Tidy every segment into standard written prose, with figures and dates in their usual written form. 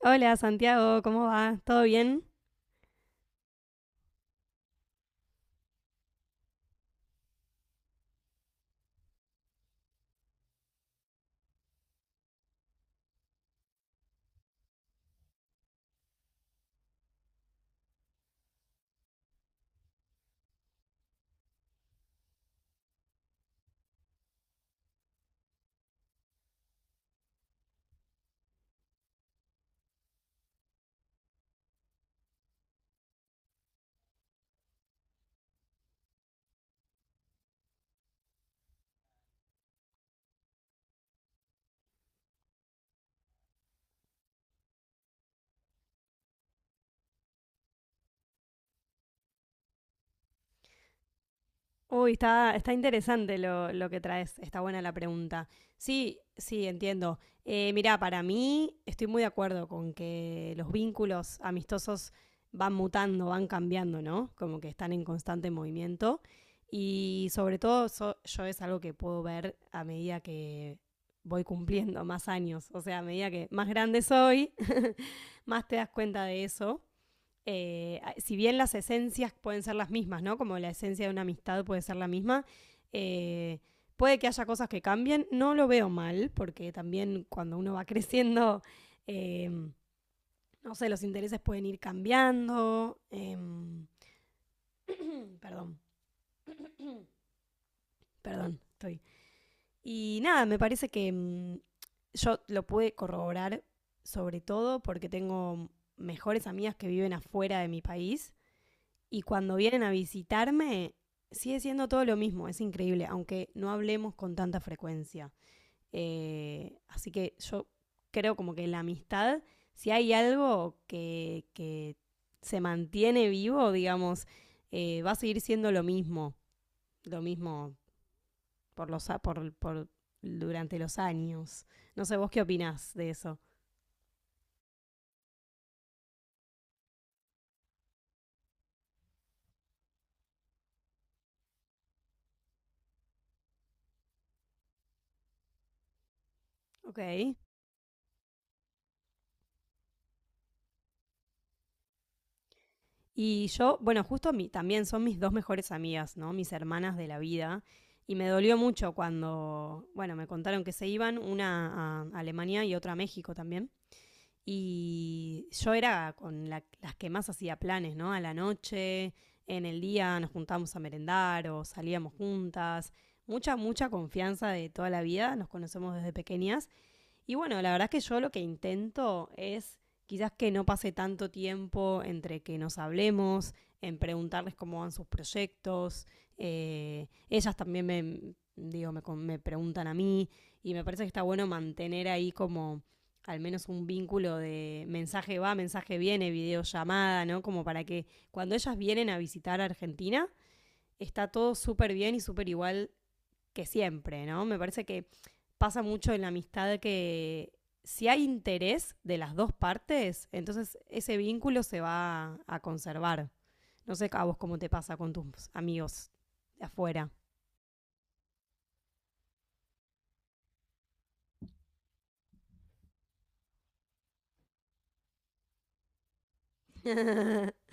Hola Santiago, ¿cómo va? ¿Todo bien? Uy, está interesante lo que traes, está buena la pregunta. Sí, sí, entiendo. Mirá, para mí estoy muy de acuerdo con que los vínculos amistosos van mutando, van cambiando, ¿no? Como que están en constante movimiento. Y sobre todo yo es algo que puedo ver a medida que voy cumpliendo más años, o sea, a medida que más grande soy, más te das cuenta de eso. Si bien las esencias pueden ser las mismas, ¿no? Como la esencia de una amistad puede ser la misma, eh, puede que haya cosas que cambien, no lo veo mal, porque también cuando uno va creciendo, eh, no sé, los intereses pueden ir cambiando. Perdón, perdón, estoy. Y nada, me parece que yo lo pude corroborar sobre todo porque tengo mejores amigas que viven afuera de mi país. Y cuando vienen a visitarme, sigue siendo todo lo mismo, es increíble, aunque no hablemos con tanta frecuencia. Así que yo creo como que la amistad, si hay algo que se mantiene vivo, digamos, va a seguir siendo lo mismo por los, por- durante los años. No sé, vos qué opinás de eso. Ok. Y yo, bueno, justo mi, también son mis dos mejores amigas, ¿no? Mis hermanas de la vida. Y me dolió mucho cuando, bueno, me contaron que se iban, una a Alemania y otra a México también. Y yo era con las que más hacía planes, ¿no? A la noche, en el día nos juntábamos a merendar o salíamos juntas. Mucha, mucha confianza de toda la vida, nos conocemos desde pequeñas. Y bueno, la verdad es que yo lo que intento es quizás que no pase tanto tiempo entre que nos hablemos, en preguntarles cómo van sus proyectos. Ellas también me, digo, me preguntan a mí y me parece que está bueno mantener ahí como al menos un vínculo de mensaje va, mensaje viene, videollamada, ¿no? Como para que cuando ellas vienen a visitar a Argentina, está todo súper bien y súper igual que siempre, ¿no? Me parece que pasa mucho en la amistad que si hay interés de las dos partes, entonces ese vínculo se va a conservar. No sé a vos cómo te pasa con tus amigos de afuera.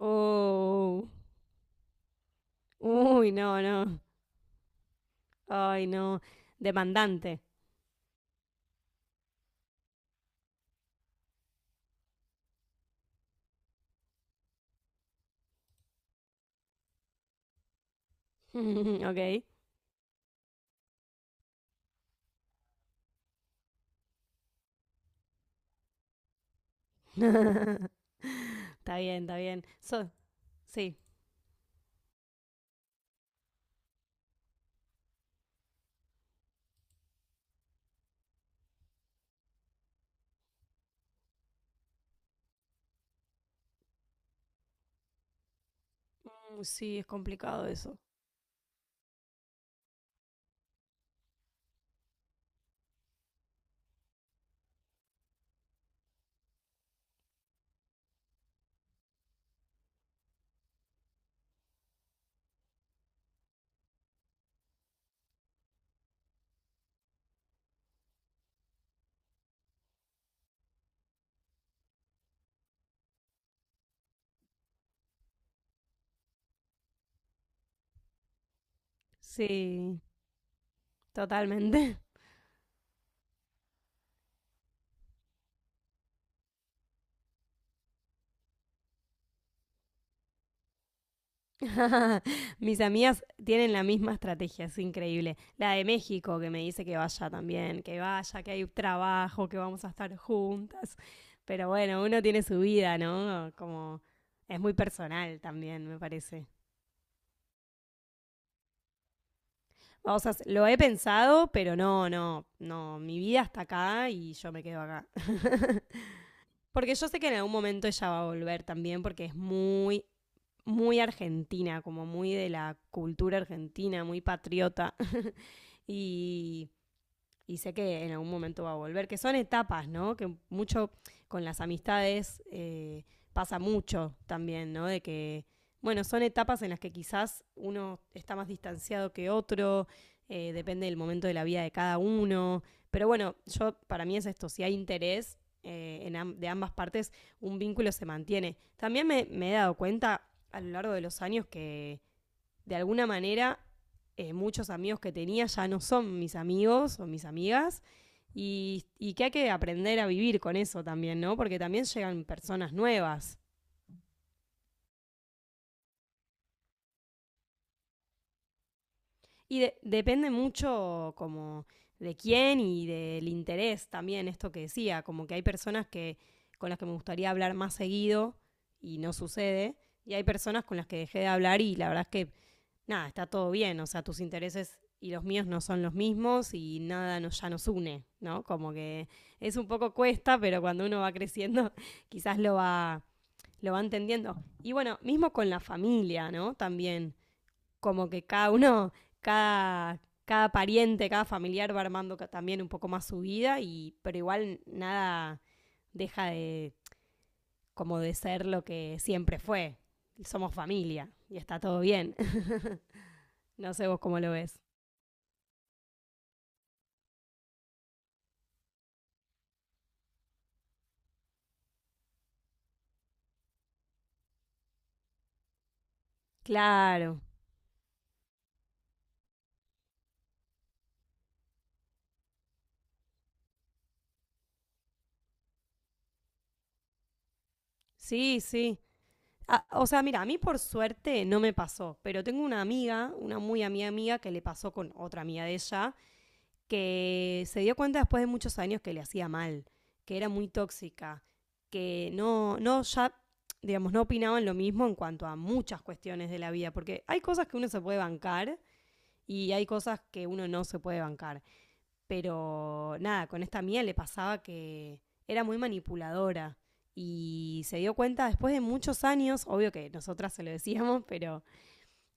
Oh. Uy, no, no. Ay, no. Demandante. Ok. Está bien, está bien. Sí. Sí, es complicado eso. Sí, totalmente. Mis amigas tienen la misma estrategia, es increíble. La de México, que me dice que vaya también, que vaya, que hay trabajo, que vamos a estar juntas. Pero bueno, uno tiene su vida, ¿no? Como es muy personal también, me parece. Lo he pensado, pero no, no, no. Mi vida está acá y yo me quedo acá. Porque yo sé que en algún momento ella va a volver también, porque es muy, muy argentina, como muy de la cultura argentina, muy patriota. Y, y sé que en algún momento va a volver, que son etapas, ¿no? Que mucho con las amistades pasa mucho también, ¿no? De que, bueno, son etapas en las que quizás uno está más distanciado que otro, depende del momento de la vida de cada uno, pero bueno, yo para mí es esto, si hay interés en de ambas partes, un vínculo se mantiene. También me he dado cuenta a lo largo de los años que de alguna manera muchos amigos que tenía ya no son mis amigos o mis amigas. Y que hay que aprender a vivir con eso también, ¿no? Porque también llegan personas nuevas. Y depende mucho como de quién y del interés también, esto que decía, como que hay personas que con las que me gustaría hablar más seguido y no sucede, y hay personas con las que dejé de hablar y la verdad es que nada, está todo bien, o sea, tus intereses y los míos no son los mismos y nada nos, ya nos une, ¿no? Como que es un poco cuesta, pero cuando uno va creciendo quizás lo va entendiendo. Y bueno, mismo con la familia, ¿no? También, como que cada uno, cada, cada pariente, cada familiar va armando también un poco más su vida, y, pero igual nada deja de como de ser lo que siempre fue. Somos familia y está todo bien. No sé vos cómo lo ves. Claro, sí, sí. Ah, o sea, mira, a mí por suerte no me pasó, pero tengo una amiga, una muy amiga amiga, que le pasó con otra amiga de ella, que se dio cuenta después de muchos años que le hacía mal, que era muy tóxica, que no, no, ya, digamos, no opinaban lo mismo en cuanto a muchas cuestiones de la vida, porque hay cosas que uno se puede bancar y hay cosas que uno no se puede bancar. Pero nada, con esta mía le pasaba que era muy manipuladora y se dio cuenta después de muchos años, obvio que nosotras se lo decíamos, pero...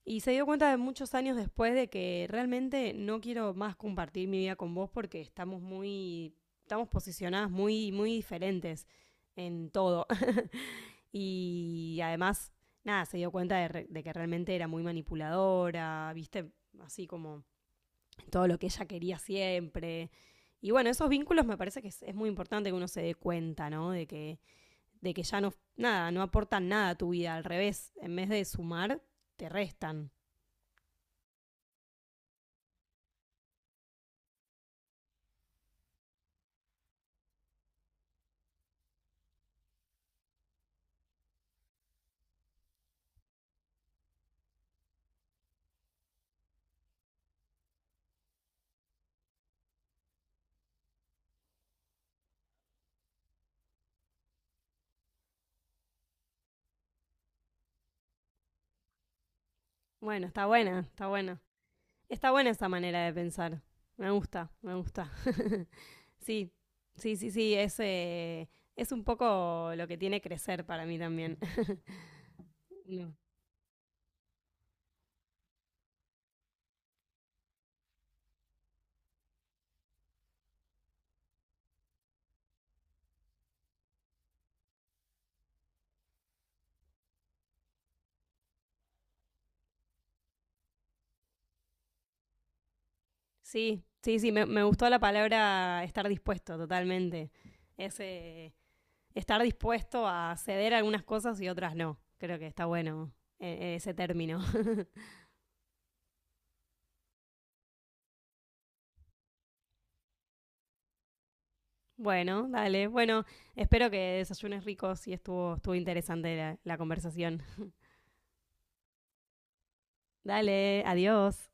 Y se dio cuenta de muchos años después de que realmente no quiero más compartir mi vida con vos porque estamos muy... estamos posicionadas muy, muy diferentes en todo. Y además, nada, se dio cuenta de, de que realmente era muy manipuladora, viste, así como todo lo que ella quería siempre. Y bueno, esos vínculos me parece que es muy importante que uno se dé cuenta, ¿no? De que ya no, nada, no aportan nada a tu vida, al revés, en vez de sumar, te restan. Bueno, está buena, está buena. Está buena esa manera de pensar. Me gusta, me gusta. Sí, sí, sí, sí, es un poco lo que tiene crecer para mí también. No. Sí, sí, sí, me gustó la palabra estar dispuesto totalmente. Es, eh, estar dispuesto a ceder algunas cosas y otras no. Creo que está bueno ese término. Bueno, dale. Bueno, espero que desayunes ricos y estuvo, estuvo interesante la, la conversación. Dale, adiós.